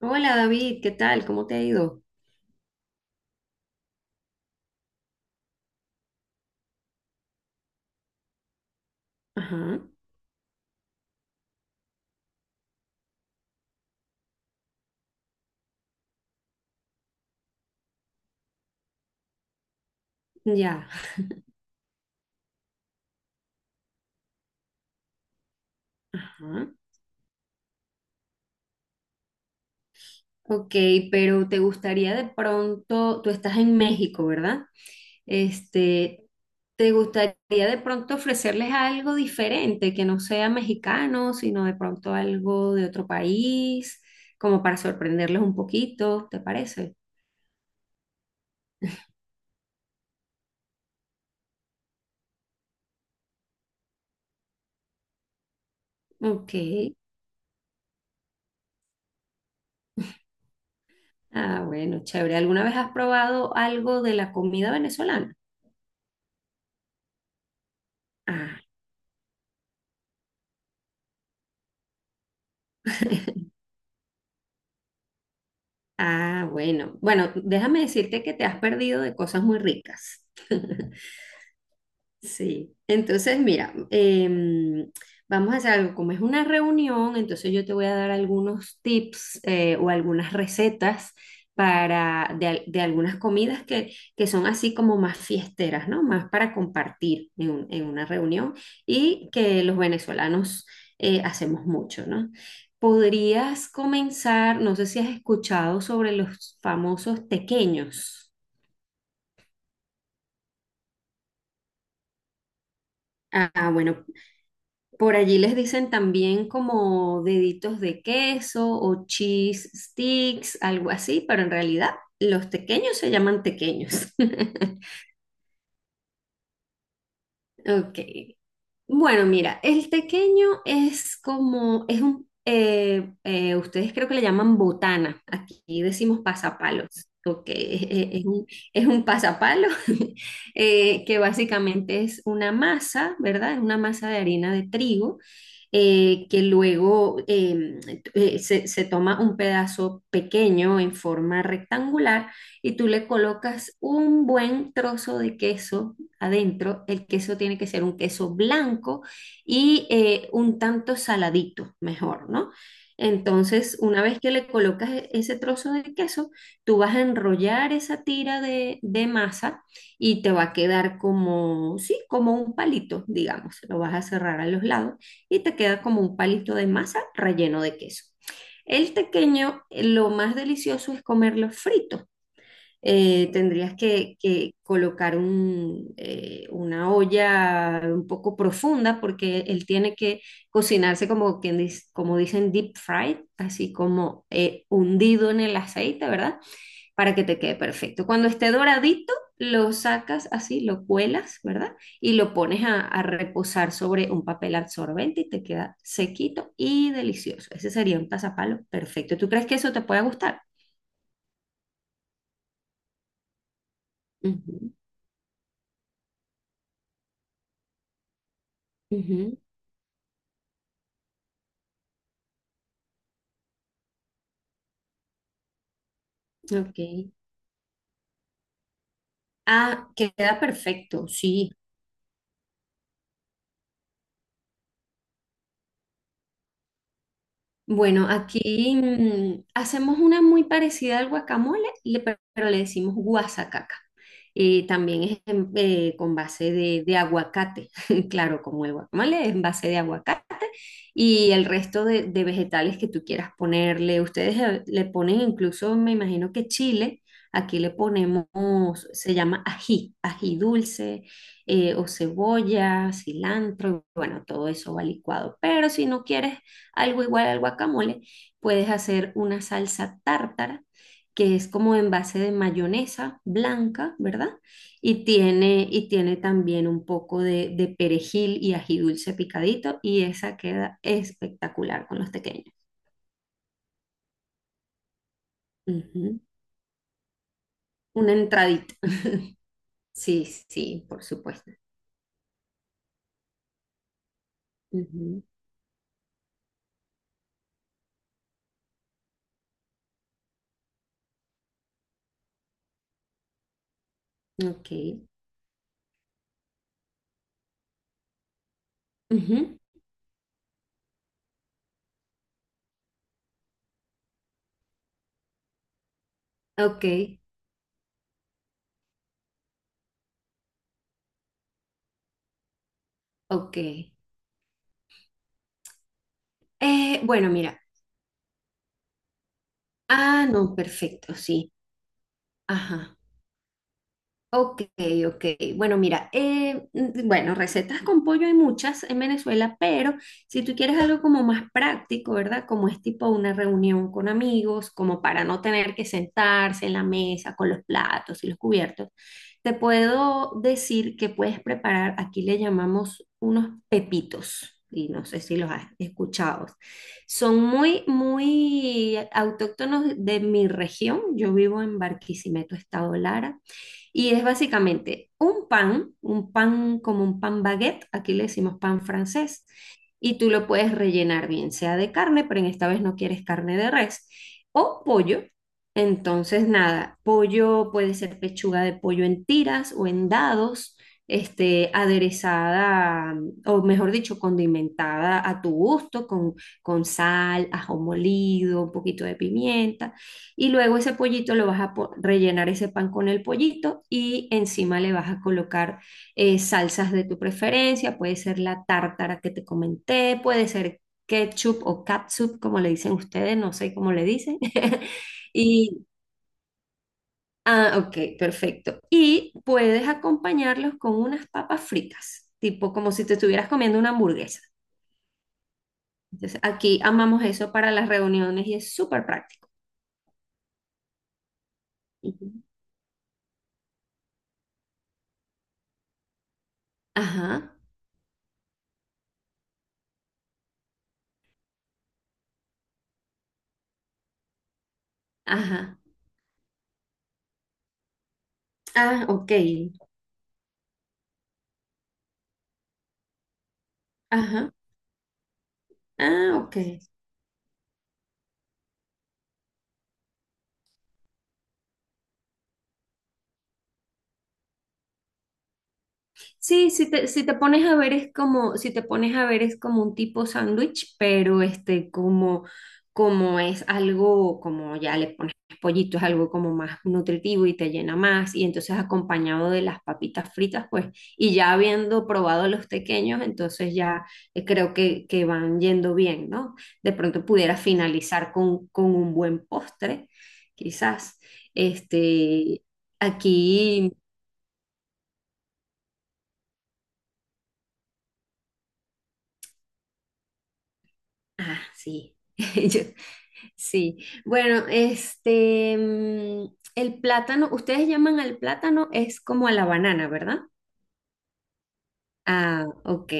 Hola David, ¿qué tal? ¿Cómo te ha ido? Ajá, ya. Ajá. Ok, pero te gustaría de pronto, tú estás en México, ¿verdad? Este, ¿Te gustaría de pronto ofrecerles algo diferente que no sea mexicano, sino de pronto algo de otro país, como para sorprenderles un poquito, ¿te parece? Ok. Ah, bueno, chévere. ¿Alguna vez has probado algo de la comida venezolana? Ah, bueno. Bueno, déjame decirte que te has perdido de cosas muy ricas. Sí, entonces mira, vamos a hacer algo, como es una reunión, entonces yo te voy a dar algunos tips o algunas recetas para, de algunas comidas que son así como más fiesteras, ¿no? Más para compartir en, en una reunión y que los venezolanos hacemos mucho, ¿no? Podrías comenzar, no sé si has escuchado sobre los famosos tequeños. Ah, bueno, por allí les dicen también como deditos de queso o cheese sticks, algo así, pero en realidad los tequeños se llaman tequeños. Ok. Bueno, mira, el tequeño es como, es un, ustedes creo que le llaman botana, aquí decimos pasapalos, ok, es un pasapalo que básicamente es una masa, ¿verdad? Es una masa de harina de trigo que luego se toma un pedazo pequeño en forma rectangular y tú le colocas un buen trozo de queso adentro, el queso tiene que ser un queso blanco y un tanto saladito, mejor, ¿no? Entonces, una vez que le colocas ese trozo de queso, tú vas a enrollar esa tira de masa y te va a quedar como, sí, como un palito, digamos. Lo vas a cerrar a los lados y te queda como un palito de masa relleno de queso. El tequeño, lo más delicioso es comerlo frito. Tendrías que colocar una olla un poco profunda porque él tiene que cocinarse como, como dicen deep fried, así como hundido en el aceite, ¿verdad? Para que te quede perfecto. Cuando esté doradito, lo sacas así, lo cuelas, ¿verdad? Y lo pones a reposar sobre un papel absorbente y te queda sequito y delicioso. Ese sería un pasapalo perfecto. ¿Tú crees que eso te puede gustar? Ujú, ujú, ok. Ah, queda perfecto, sí. Bueno, aquí hacemos una muy parecida al guacamole, pero le decimos guasacaca. También es con base de aguacate, claro, como el guacamole es en base de aguacate y el resto de vegetales que tú quieras ponerle. Ustedes le ponen, incluso me imagino que chile, aquí le ponemos, se llama ají, ají dulce, o cebolla, cilantro, bueno, todo eso va licuado. Pero si no quieres algo igual al guacamole, puedes hacer una salsa tártara, que es como en base de mayonesa blanca, ¿verdad? Y tiene también un poco de perejil y ají dulce picadito, y esa queda espectacular con los pequeños. Ujú. Una entradita. Sí, sí, por supuesto. Ujú. Ok. Ujú. Ok, ok. Bueno, mira. Ah, no, perfecto, sí. Ajá. Ok, ok. Bueno, mira, bueno, recetas con pollo hay muchas en Venezuela, pero si tú quieres algo como más práctico, ¿verdad? Como es tipo una reunión con amigos, como para no tener que sentarse en la mesa con los platos y los cubiertos, te puedo decir que puedes preparar, aquí le llamamos unos pepitos. Y no sé si los has escuchado. Son muy, muy autóctonos de mi región. Yo vivo en Barquisimeto, Estado Lara. Y es básicamente un pan como un pan baguette, aquí le decimos pan francés, y tú lo puedes rellenar bien sea de carne, pero en esta vez no quieres carne de res, o pollo. Entonces, nada, pollo puede ser pechuga de pollo en tiras o en dados, aderezada, o mejor dicho, condimentada a tu gusto, con sal, ajo molido, un poquito de pimienta. Y luego ese pollito lo vas a rellenar ese pan con el pollito y encima le vas a colocar salsas de tu preferencia. Puede ser la tártara que te comenté, puede ser ketchup o catsup, como le dicen ustedes, no sé cómo le dicen. Y, ah, ok, perfecto. Y puedes acompañarlos con unas papas fritas, tipo como si te estuvieras comiendo una hamburguesa. Entonces, aquí amamos eso para las reuniones y es súper práctico. Ujú. Ajá, ajá. Ah, ok. Ajá. Ah, ok. Sí, si te pones a ver es como, si te pones a ver es como un tipo sándwich, pero este, como es algo, como ya le pones pollito, es algo como más nutritivo y te llena más, y entonces acompañado de las papitas fritas, pues, y ya habiendo probado los pequeños, entonces ya creo que van yendo bien, ¿no? De pronto pudiera finalizar con un buen postre, quizás. Este, Aquí. Ah, sí. Yo- sí. Bueno, el plátano, ustedes llaman al plátano, es como a la banana, ¿verdad? Ah, ok.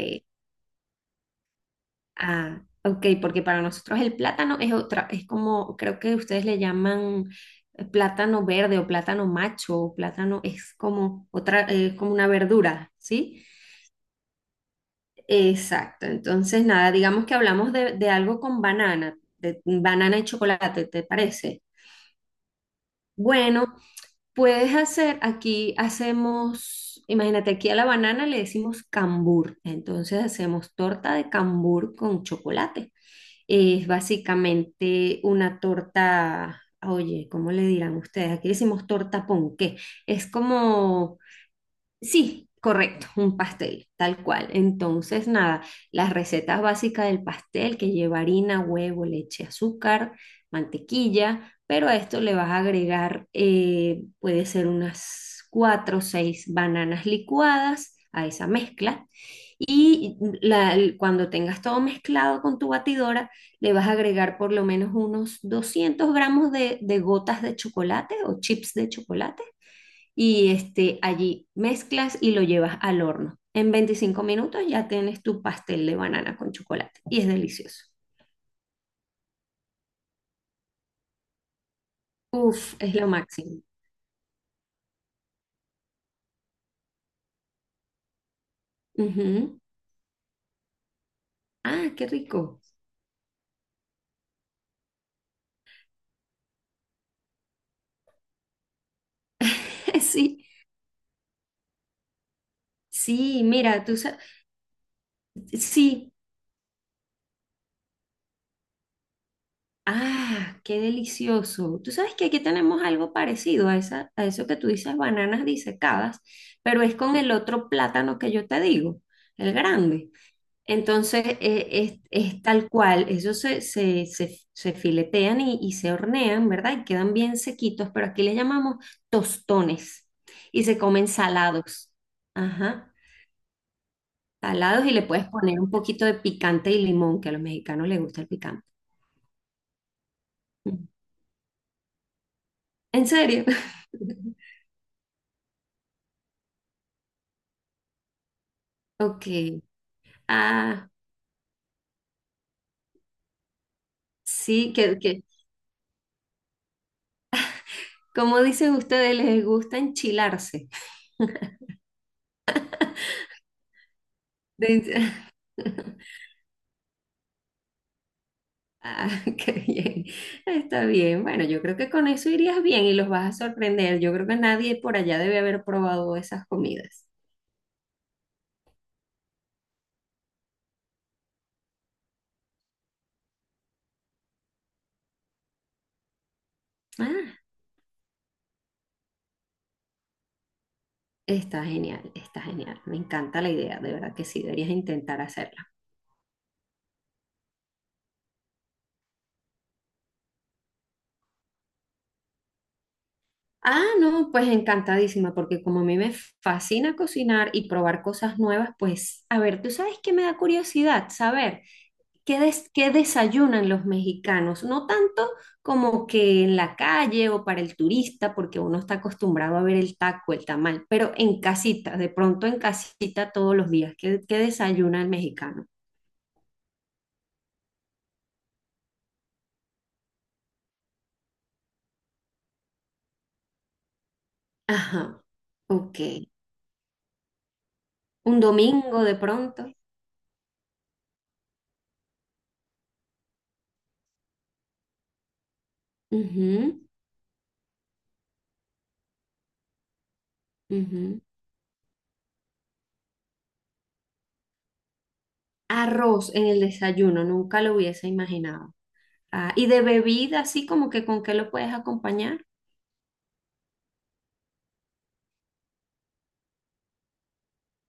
Ah, ok, porque para nosotros el plátano es otra, es como, creo que ustedes le llaman plátano verde o plátano macho, o plátano es como otra, es como una verdura, ¿sí? Exacto. Entonces, nada, digamos que hablamos de algo con banana, de banana y chocolate, ¿te parece? Bueno, puedes hacer, aquí hacemos, imagínate, aquí a la banana le decimos cambur, entonces hacemos torta de cambur con chocolate. Es básicamente una torta, oye, ¿cómo le dirán ustedes? Aquí decimos torta ponqué. Es como. Sí, correcto, un pastel, tal cual. Entonces, nada, las recetas básicas del pastel que lleva harina, huevo, leche, azúcar, mantequilla, pero a esto le vas a agregar, puede ser unas cuatro o seis bananas licuadas a esa mezcla. Y cuando tengas todo mezclado con tu batidora, le vas a agregar por lo menos unos 200 gramos de gotas de chocolate o chips de chocolate y allí mezclas y lo llevas al horno. En 25 minutos ya tienes tu pastel de banana con chocolate y es delicioso. Uf, es lo máximo. Ujú. Ah, qué rico. Sí, sí, mira, tú sabes, sí, ah, qué delicioso. Tú sabes que aquí tenemos algo parecido a esa, a eso que tú dices, bananas disecadas, pero es con el otro plátano que yo te digo, el grande. Entonces, es tal cual, ellos se filetean y se hornean, ¿verdad? Y quedan bien sequitos, pero aquí le llamamos tostones y se comen salados. Ajá, salados y le puedes poner un poquito de picante y limón, que a los mexicanos les gusta el picante. Mm. ¿En serio? Ok. Ah, sí, que como dicen ustedes, les gusta enchilarse. De- Ah, qué bien. Está bien. Bueno, yo creo que con eso irías bien y los vas a sorprender. Yo creo que nadie por allá debe haber probado esas comidas. Ah, está genial, está genial. Me encanta la idea, de verdad que sí, deberías intentar hacerla. Ah, no, pues encantadísima, porque como a mí me fascina cocinar y probar cosas nuevas, pues, a ver, tú sabes que me da curiosidad saber. ¿Qué desayunan los mexicanos? No tanto como que en la calle o para el turista, porque uno está acostumbrado a ver el taco, el tamal, pero en casita, de pronto en casita todos los días. ¿Qué desayuna el mexicano? Ajá, ok. Un domingo de pronto. Ujú, ujú. Arroz en el desayuno, nunca lo hubiese imaginado. Ah, y de bebida, así como que con qué lo puedes acompañar.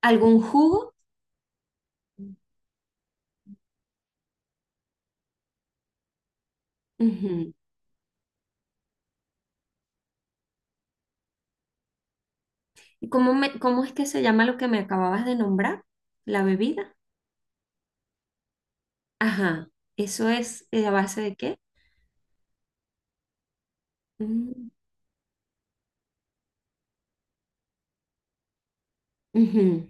¿Algún jugo? Ujú. ¿Y cómo es que se llama lo que me acababas de nombrar? La bebida. Ajá. ¿Eso es a base de qué? Mm, ujú.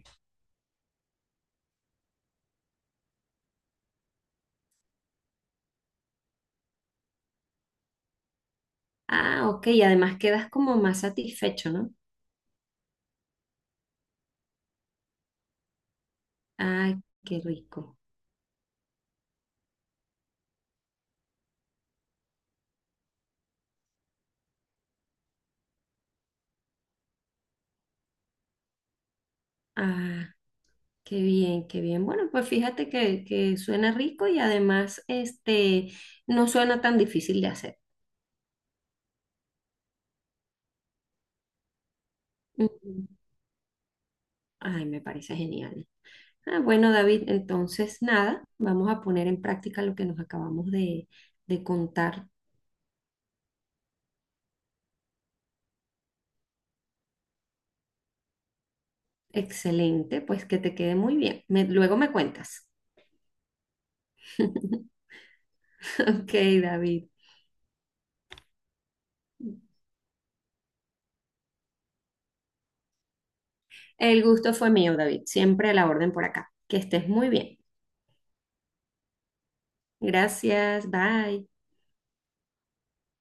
Ah, ok. Y además quedas como más satisfecho, ¿no? Ay, qué rico. Ah, qué bien, qué bien. Bueno, pues fíjate que suena rico y además no suena tan difícil de hacer. Ujú. Ay, me parece genial. Ah, bueno, David, entonces nada, vamos a poner en práctica lo que nos acabamos de contar. Excelente, pues que te quede muy bien. Luego me cuentas. Ok, David. El gusto fue mío, David. Siempre a la orden por acá. Que estés muy bien. Gracias, bye.